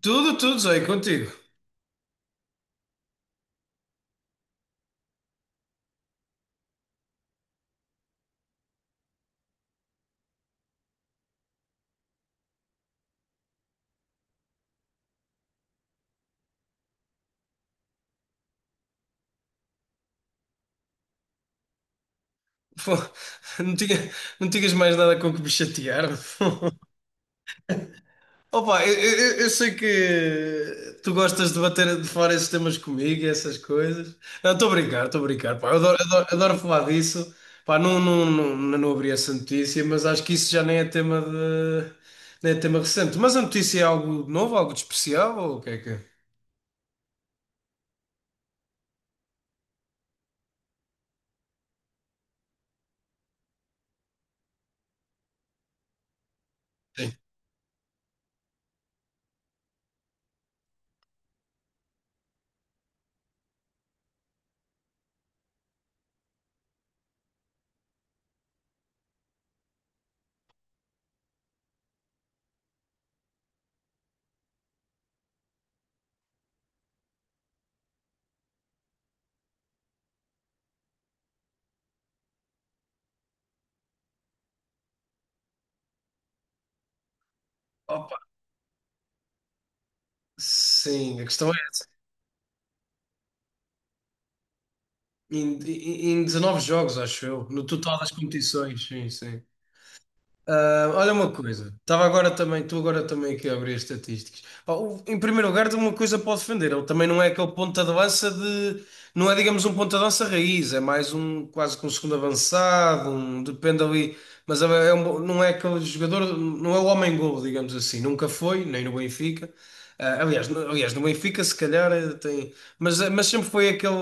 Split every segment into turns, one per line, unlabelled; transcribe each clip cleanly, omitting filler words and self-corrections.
Tudo, tudo, Zé, contigo. Pô, Não tinha, não tinhas mais nada com que me chatear. Opa, eu sei que tu gostas de bater de fora esses temas comigo e essas coisas. Não, estou a brincar, estou a brincar. Pá, eu adoro, adoro, adoro falar disso. Pá, não, não, não, não, não abri essa notícia, mas acho que isso já nem é tema recente. Mas a notícia é algo novo, algo de especial, ou o que é que é? Sim. Opa, sim, a questão é. Em 19 jogos, acho eu, no total das competições, sim, sim. Ah, olha uma coisa, estou agora também aqui a abrir as estatísticas. Pá, em primeiro lugar, tenho uma coisa para o defender, ele também não é aquele ponta de lança de, não é, digamos, um ponta de lança raiz, é mais um, quase que um segundo avançado, um, depende ali, mas é não é aquele jogador, não é o homem-golo, digamos assim, nunca foi, nem no Benfica. Ah, aliás, no Benfica, se calhar, tem, mas sempre foi aquele.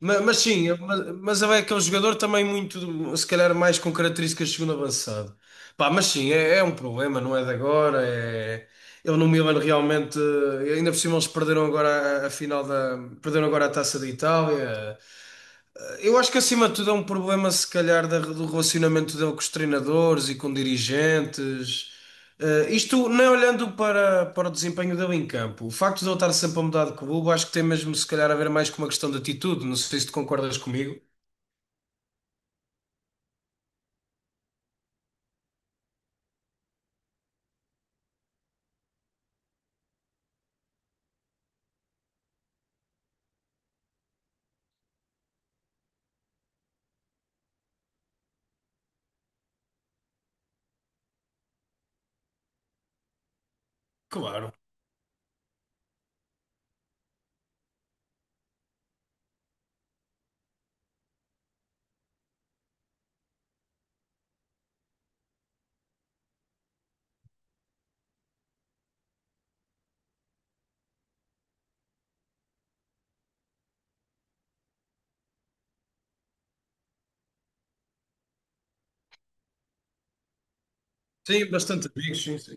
Mas, sim, mas é que é um jogador também muito, se calhar, mais com características de segundo avançado. Pá, mas sim, é, é um problema, não é de agora. É... Ele no Milan realmente, ainda por cima eles perderam agora a Taça da Itália. Eu acho que acima de tudo é um problema, se calhar, do relacionamento dele com os treinadores e com dirigentes. Isto nem olhando para, para o desempenho dele em campo. O facto de ele estar sempre a mudar de clube, acho que tem mesmo, se calhar, a ver mais com uma questão de atitude. Não sei se tu concordas comigo. Claro. Tenho bastante amigos, sim.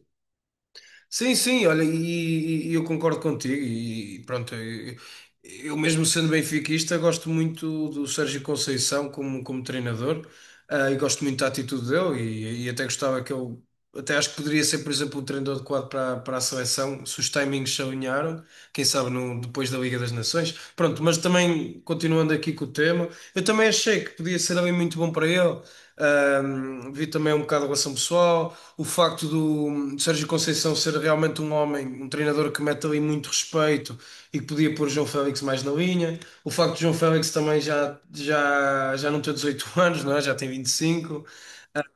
Sim, sim, olha, e eu concordo contigo. E pronto, eu mesmo sendo benfiquista, gosto muito do Sérgio Conceição como, como treinador, e gosto muito da atitude dele. E até gostava que ele, até acho que poderia ser, por exemplo, um treinador adequado para, para a seleção, se os timings se alinharam, quem sabe no, depois da Liga das Nações. Pronto, mas também continuando aqui com o tema, eu também achei que podia ser alguém muito bom para ele. Vi também um bocado a relação pessoal, o facto do Sérgio Conceição ser realmente um homem, um treinador que mete ali muito respeito e que podia pôr João Félix mais na linha, o facto de João Félix também já não ter 18 anos, não é? Já tem 25.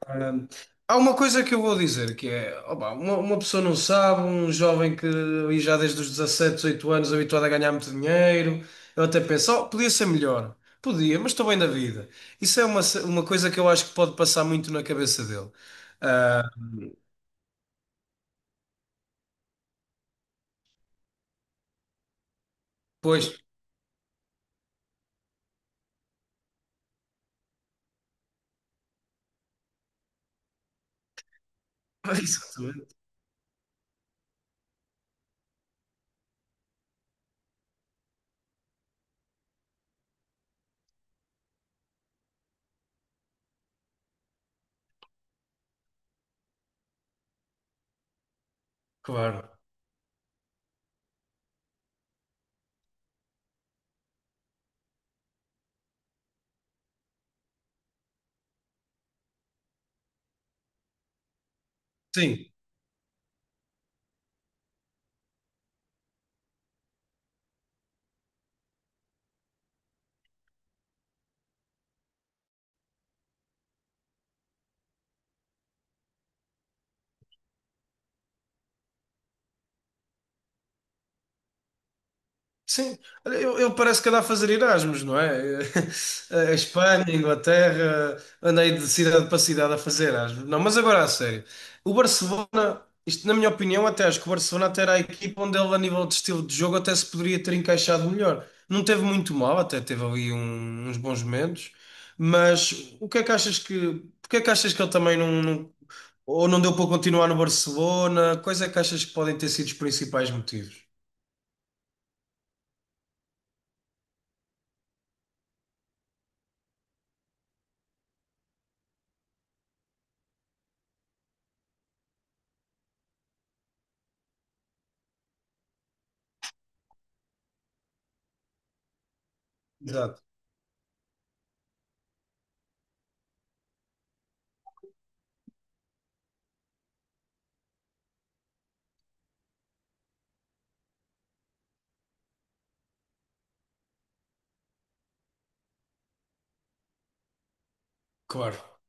Hum, Há uma coisa que eu vou dizer que é, opa, uma pessoa não sabe, um jovem que ali já desde os 17 18 anos habituado a ganhar muito dinheiro, eu até penso, oh, podia ser melhor, podia, mas estou bem da vida. Isso é uma coisa que eu acho que pode passar muito na cabeça dele. Ah, pois, exatamente, claro. Sim, sim. Olha, eu parece que andava a fazer Erasmus, não é? A Espanha, a Inglaterra, andei de cidade para cidade a fazer Erasmus. Não, mas agora a sério. O Barcelona, isto na minha opinião, até acho que o Barcelona até era a equipa onde ele, a nível de estilo de jogo, até se poderia ter encaixado melhor. Não teve muito mal, até teve ali uns bons momentos, mas o que é que achas que, porque é que achas que ele também ou não deu para continuar no Barcelona? Quais é que achas que podem ter sido os principais motivos? Exato. Claro.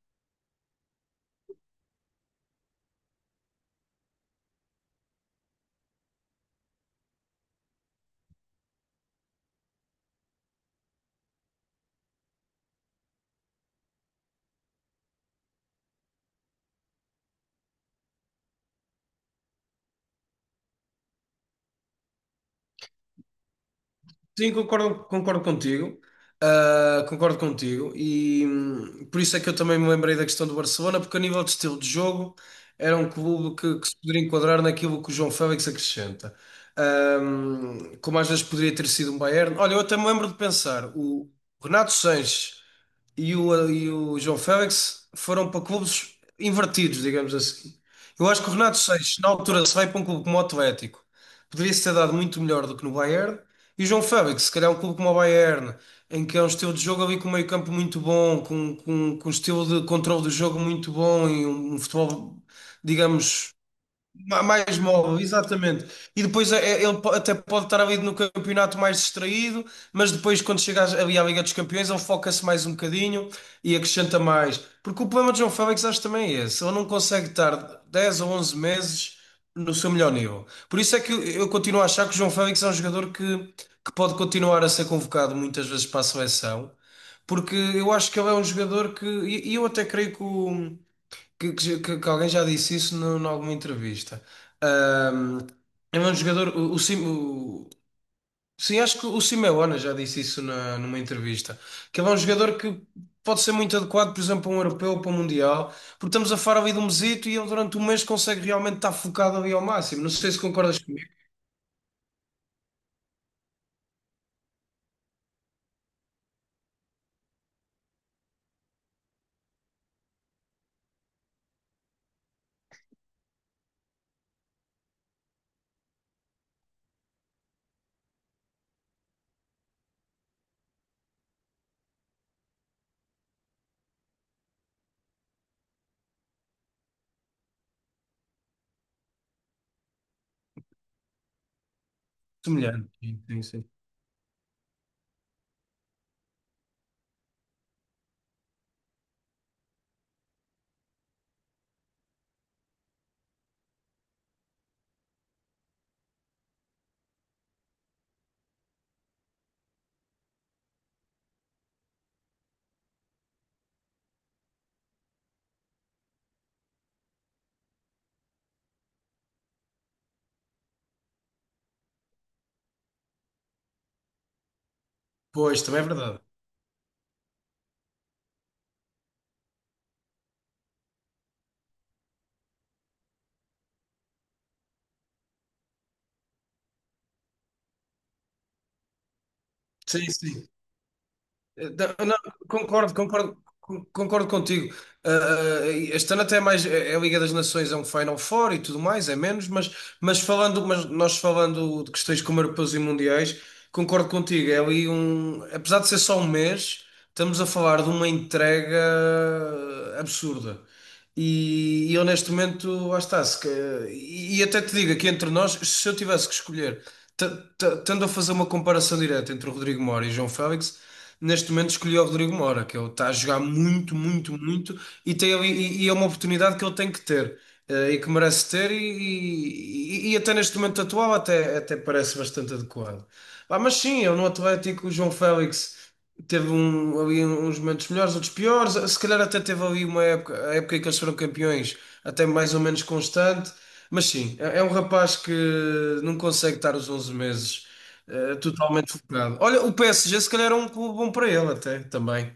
Sim, concordo, concordo contigo. Ah, concordo contigo. E por isso é que eu também me lembrei da questão do Barcelona, porque a nível de estilo de jogo era um clube que se poderia enquadrar naquilo que o João Félix acrescenta. Como às vezes poderia ter sido um Bayern. Olha, eu até me lembro de pensar, o Renato Sanches e o João Félix foram para clubes invertidos, digamos assim. Eu acho que o Renato Seixas, na altura, se vai para um clube como o Atlético, poderia-se ter dado muito melhor do que no Bayern. E o João Félix, se calhar um clube como o Bayern, em que é um estilo de jogo ali com um meio-campo muito bom, com um estilo de controle do jogo muito bom e um futebol, digamos. Mais móvel, exatamente. E depois ele até pode estar ali no campeonato mais distraído, mas depois, quando chega ali à Liga dos Campeões, ele foca-se mais um bocadinho e acrescenta mais. Porque o problema de João Félix acho também é esse: ele não consegue estar 10 ou 11 meses no seu melhor nível. Por isso é que eu continuo a achar que o João Félix é um jogador que pode continuar a ser convocado muitas vezes para a seleção, porque eu acho que ele é um jogador que. E eu até creio que o que alguém já disse isso em alguma entrevista. Ahm, É um jogador, sim, acho que o Simeone já disse isso numa entrevista, que ele é um jogador que pode ser muito adequado, por exemplo, para um europeu, para um mundial, porque estamos a falar ali de um mesito e ele durante um mês consegue realmente estar focado ali ao máximo. Não sei se concordas comigo, semelhante. Sim, sim, sim. Pois, também é verdade. Sim, sim. Não, concordo contigo. Ah, este ano até é mais é a Liga das Nações, é um Final Four e tudo mais, é menos, mas, falando, mas nós falando de questões como europeus e mundiais, concordo contigo. É ali um, apesar de ser só um mês, estamos a falar de uma entrega absurda. E eu neste momento, lá está, se, que- e até te digo aqui entre nós, se eu tivesse que escolher, t- tendo a fazer uma comparação direta entre o Rodrigo Moura e o João Félix neste momento escolhi o Rodrigo Moura, que ele está a jogar muito, muito, muito e, tem, e é uma oportunidade que ele tem que ter eh, e que merece ter e, e até neste momento atual até parece bastante adequado. Ah, mas sim, eu no Atlético, o João Félix teve um, ali uns momentos melhores, outros piores, se calhar até teve ali uma época, a época em que eles foram campeões, até mais ou menos constante, mas sim, é é um rapaz que não consegue estar os 11 meses totalmente focado. Olha, o PSG se calhar é um clube bom para ele até também.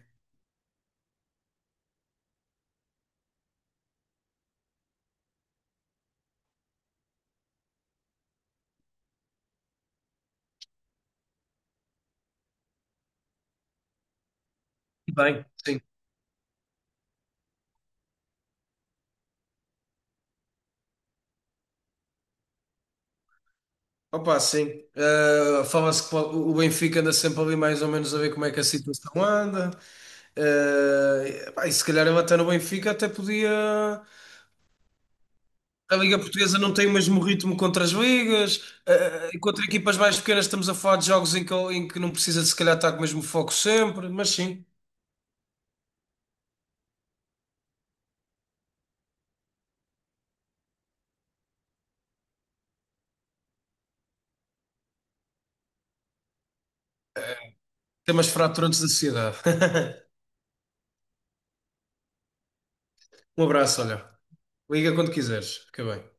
Bem, sim. Opa, sim. Fala-se que o Benfica anda sempre ali mais ou menos a ver como é que a situação anda. Pá, e se calhar ele até no Benfica até podia. A Liga Portuguesa não tem o mesmo ritmo contra as ligas. Contra equipas mais pequenas estamos a falar de jogos em que não precisa se calhar estar com o mesmo foco sempre, mas sim, temas fraturantes da sociedade. Um abraço, olha. Liga quando quiseres. Fica bem.